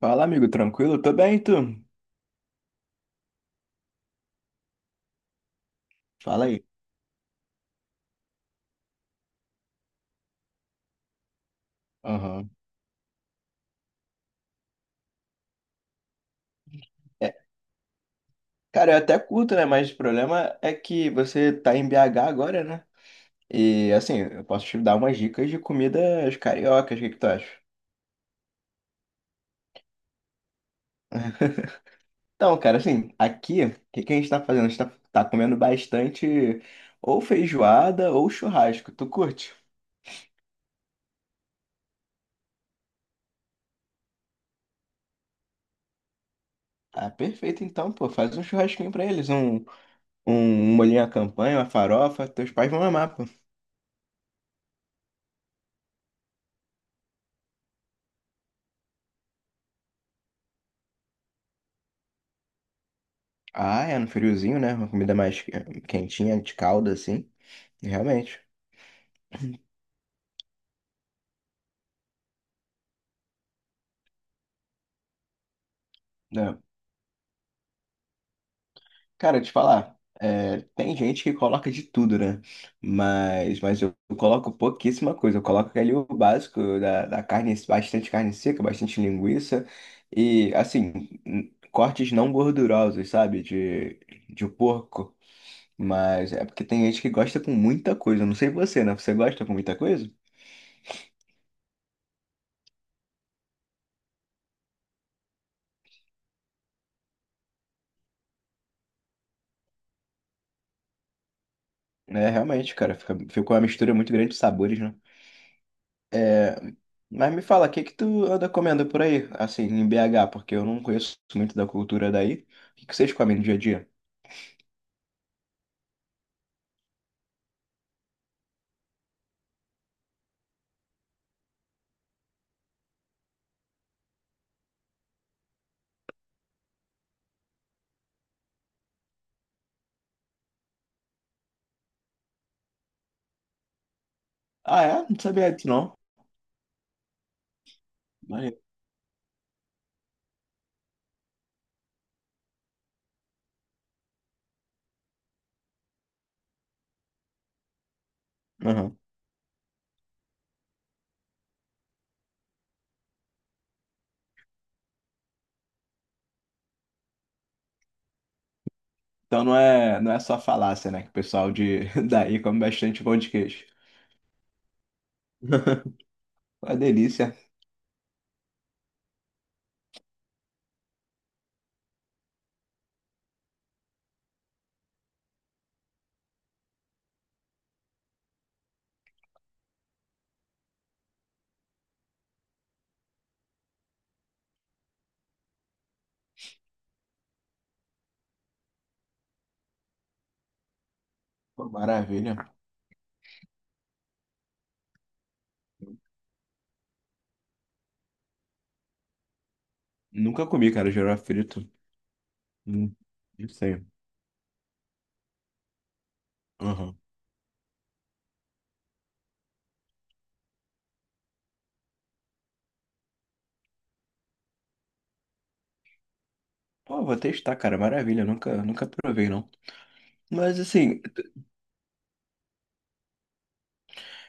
Fala, amigo, tranquilo? Tô bem, e tu? Fala aí. Aham. É, cara, eu até curto, né? Mas o problema é que você tá em BH agora, né? E assim, eu posso te dar umas dicas de comidas cariocas, o que que tu acha? Então, cara, assim, aqui, o que que a gente tá fazendo? A gente tá comendo bastante ou feijoada ou churrasco. Tu curte? Ah, perfeito então, pô. Faz um churrasquinho pra eles, um molhinho à campanha, uma farofa. Teus pais vão amar, pô. Ah, é, no friozinho, né? Uma comida mais quentinha, de calda, assim. Realmente, né? Cara, te falar, é, tem gente que coloca de tudo, né? Mas eu coloco pouquíssima coisa. Eu coloco ali o básico da carne, bastante carne seca, bastante linguiça e, assim, cortes não gordurosos, sabe? De porco. Mas é porque tem gente que gosta com muita coisa. Eu não sei você, né? Você gosta com muita coisa? É, realmente, cara, fica uma mistura muito grande de sabores, né? Mas me fala, o que que tu anda comendo por aí, assim, em BH, porque eu não conheço muito da cultura daí. O que que vocês comem no dia a dia? Ah, é? Não sabia disso, não. Maneiro. Aham. Então não é, não é só falácia, né? Que o pessoal de daí come bastante pão de queijo. Uma delícia. Pô, maravilha. Nunca comi, cara, girafa frito. Hum, não sei. Aham. Pô, vou testar, cara. Maravilha. Nunca provei, não. Mas assim,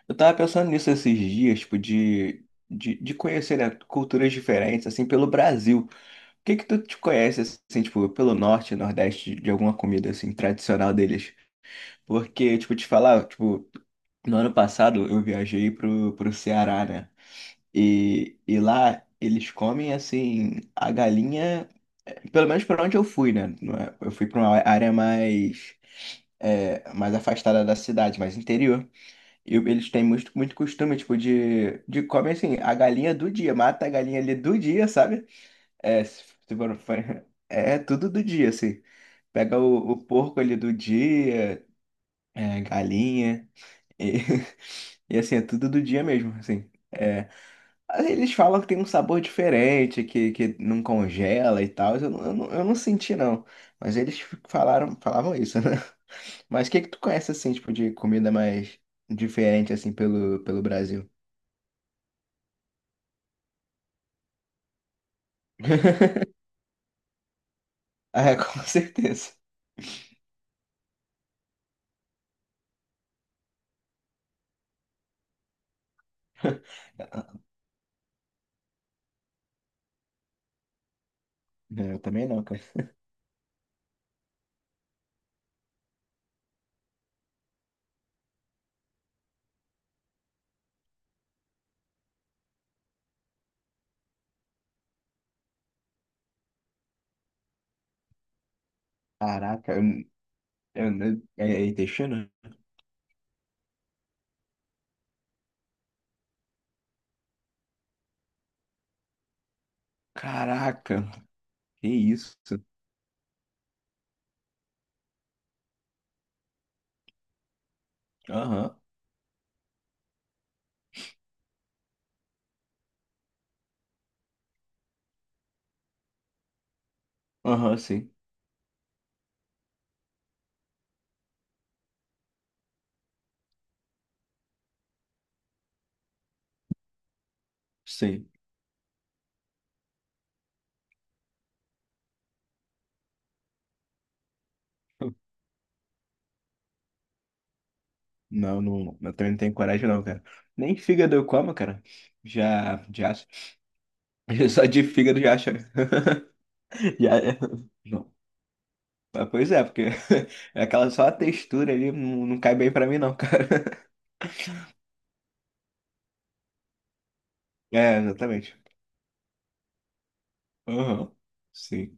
eu tava pensando nisso esses dias, tipo, de conhecer, né, culturas diferentes, assim, pelo Brasil. O que que tu te conhece, assim, tipo, pelo norte, nordeste, de alguma comida, assim, tradicional deles? Porque, tipo, te falar, tipo, no ano passado eu viajei pro Ceará, né? E lá eles comem, assim, a galinha, pelo menos pra onde eu fui, né? Não é- Eu fui pra uma área mais, é, mais afastada da cidade, mais interior. E eles têm muito costume, tipo, de comer, assim, a galinha do dia. Mata a galinha ali do dia, sabe? É, se for, é tudo do dia, assim. Pega o porco ali do dia, é, galinha. E, e, assim, é tudo do dia mesmo, assim. É, aí eles falam que tem um sabor diferente, que não congela e tal. Eu não senti, não. Mas eles falavam isso, né? Mas o que que tu conhece, assim, tipo, de comida mais diferente, assim, pelo Brasil? É, com certeza. Eu também não, cara. Caraca, é, é intestino? Caraca, que isso? Aham, aham, sim, sim. Não, não, eu também não tenho coragem não, cara. Nem fígado eu como, cara. Já, já, só de fígado já acho. Já, é, não. Mas, pois é, porque é aquela só a textura ali não, não cai bem pra mim não, cara. É, exatamente. Aham, sim.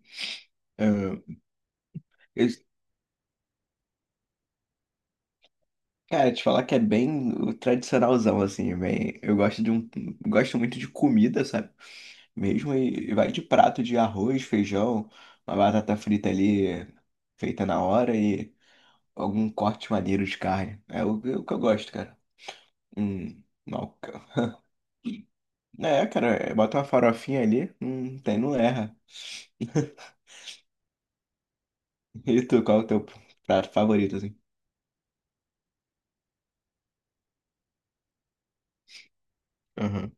Cara, te falar que é bem o tradicionalzão, assim, bem... Eu gosto de um... Gosto muito de comida, sabe? Mesmo e vai de prato de arroz, feijão, uma batata frita ali, feita na hora e algum corte maneiro de carne. É o que eu gosto, cara. Mal... É, cara, é, bota uma farofinha ali, não tem, não erra. E tu, qual é o teu prato favorito, assim? Aham.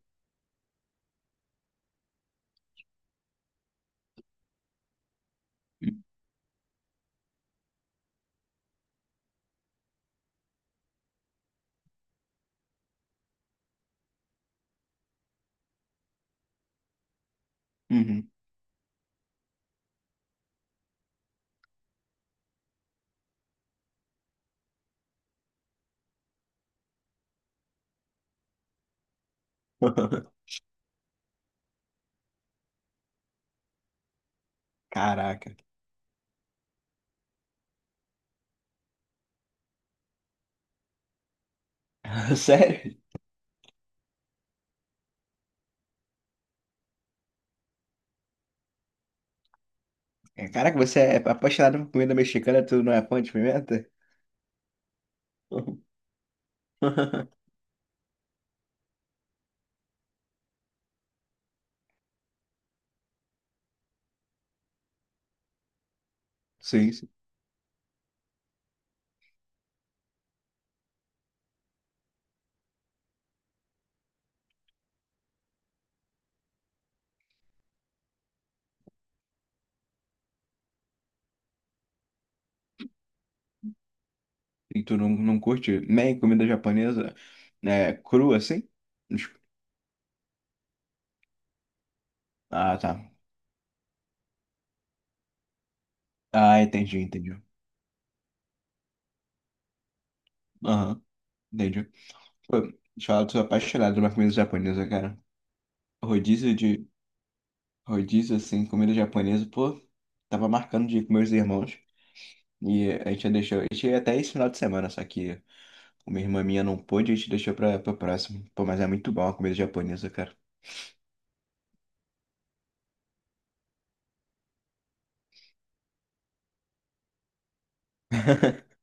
Uhum. Caraca. Sério? É, caraca, você é apaixonado por comida mexicana, tu não é fã de pimenta? Sim, sim. E tu não, não curte nem comida japonesa, né, crua assim? Ah, tá. Ah, entendi, entendi. Aham, entendi. Pô, deixa eu falar, eu sou apaixonado por uma comida japonesa, cara. Rodízio de. Rodízio, assim, comida japonesa, pô. Tava marcando de ir com meus irmãos. E a gente deixou. A gente ia até esse final de semana, só que uma irmã minha não pôde, a gente deixou pra próximo. Pô, mas é muito bom a comida japonesa, cara.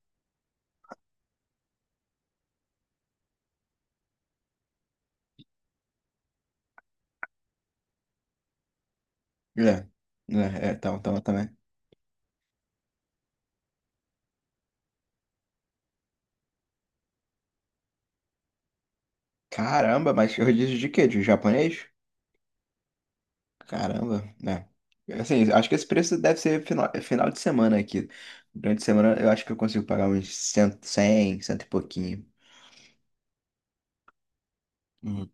É, é, tava também. Caramba, mas rodízio de quê? De japonês? Caramba, né? Assim, acho que esse preço deve ser final, é final de semana aqui. Durante a semana eu acho que eu consigo pagar uns 100, 100, cento e pouquinho. Uhum.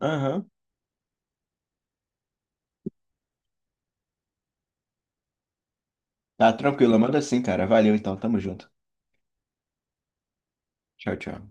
Aham. Tá tranquilo, manda assim, cara. Valeu então, tamo junto. Tchau, tchau.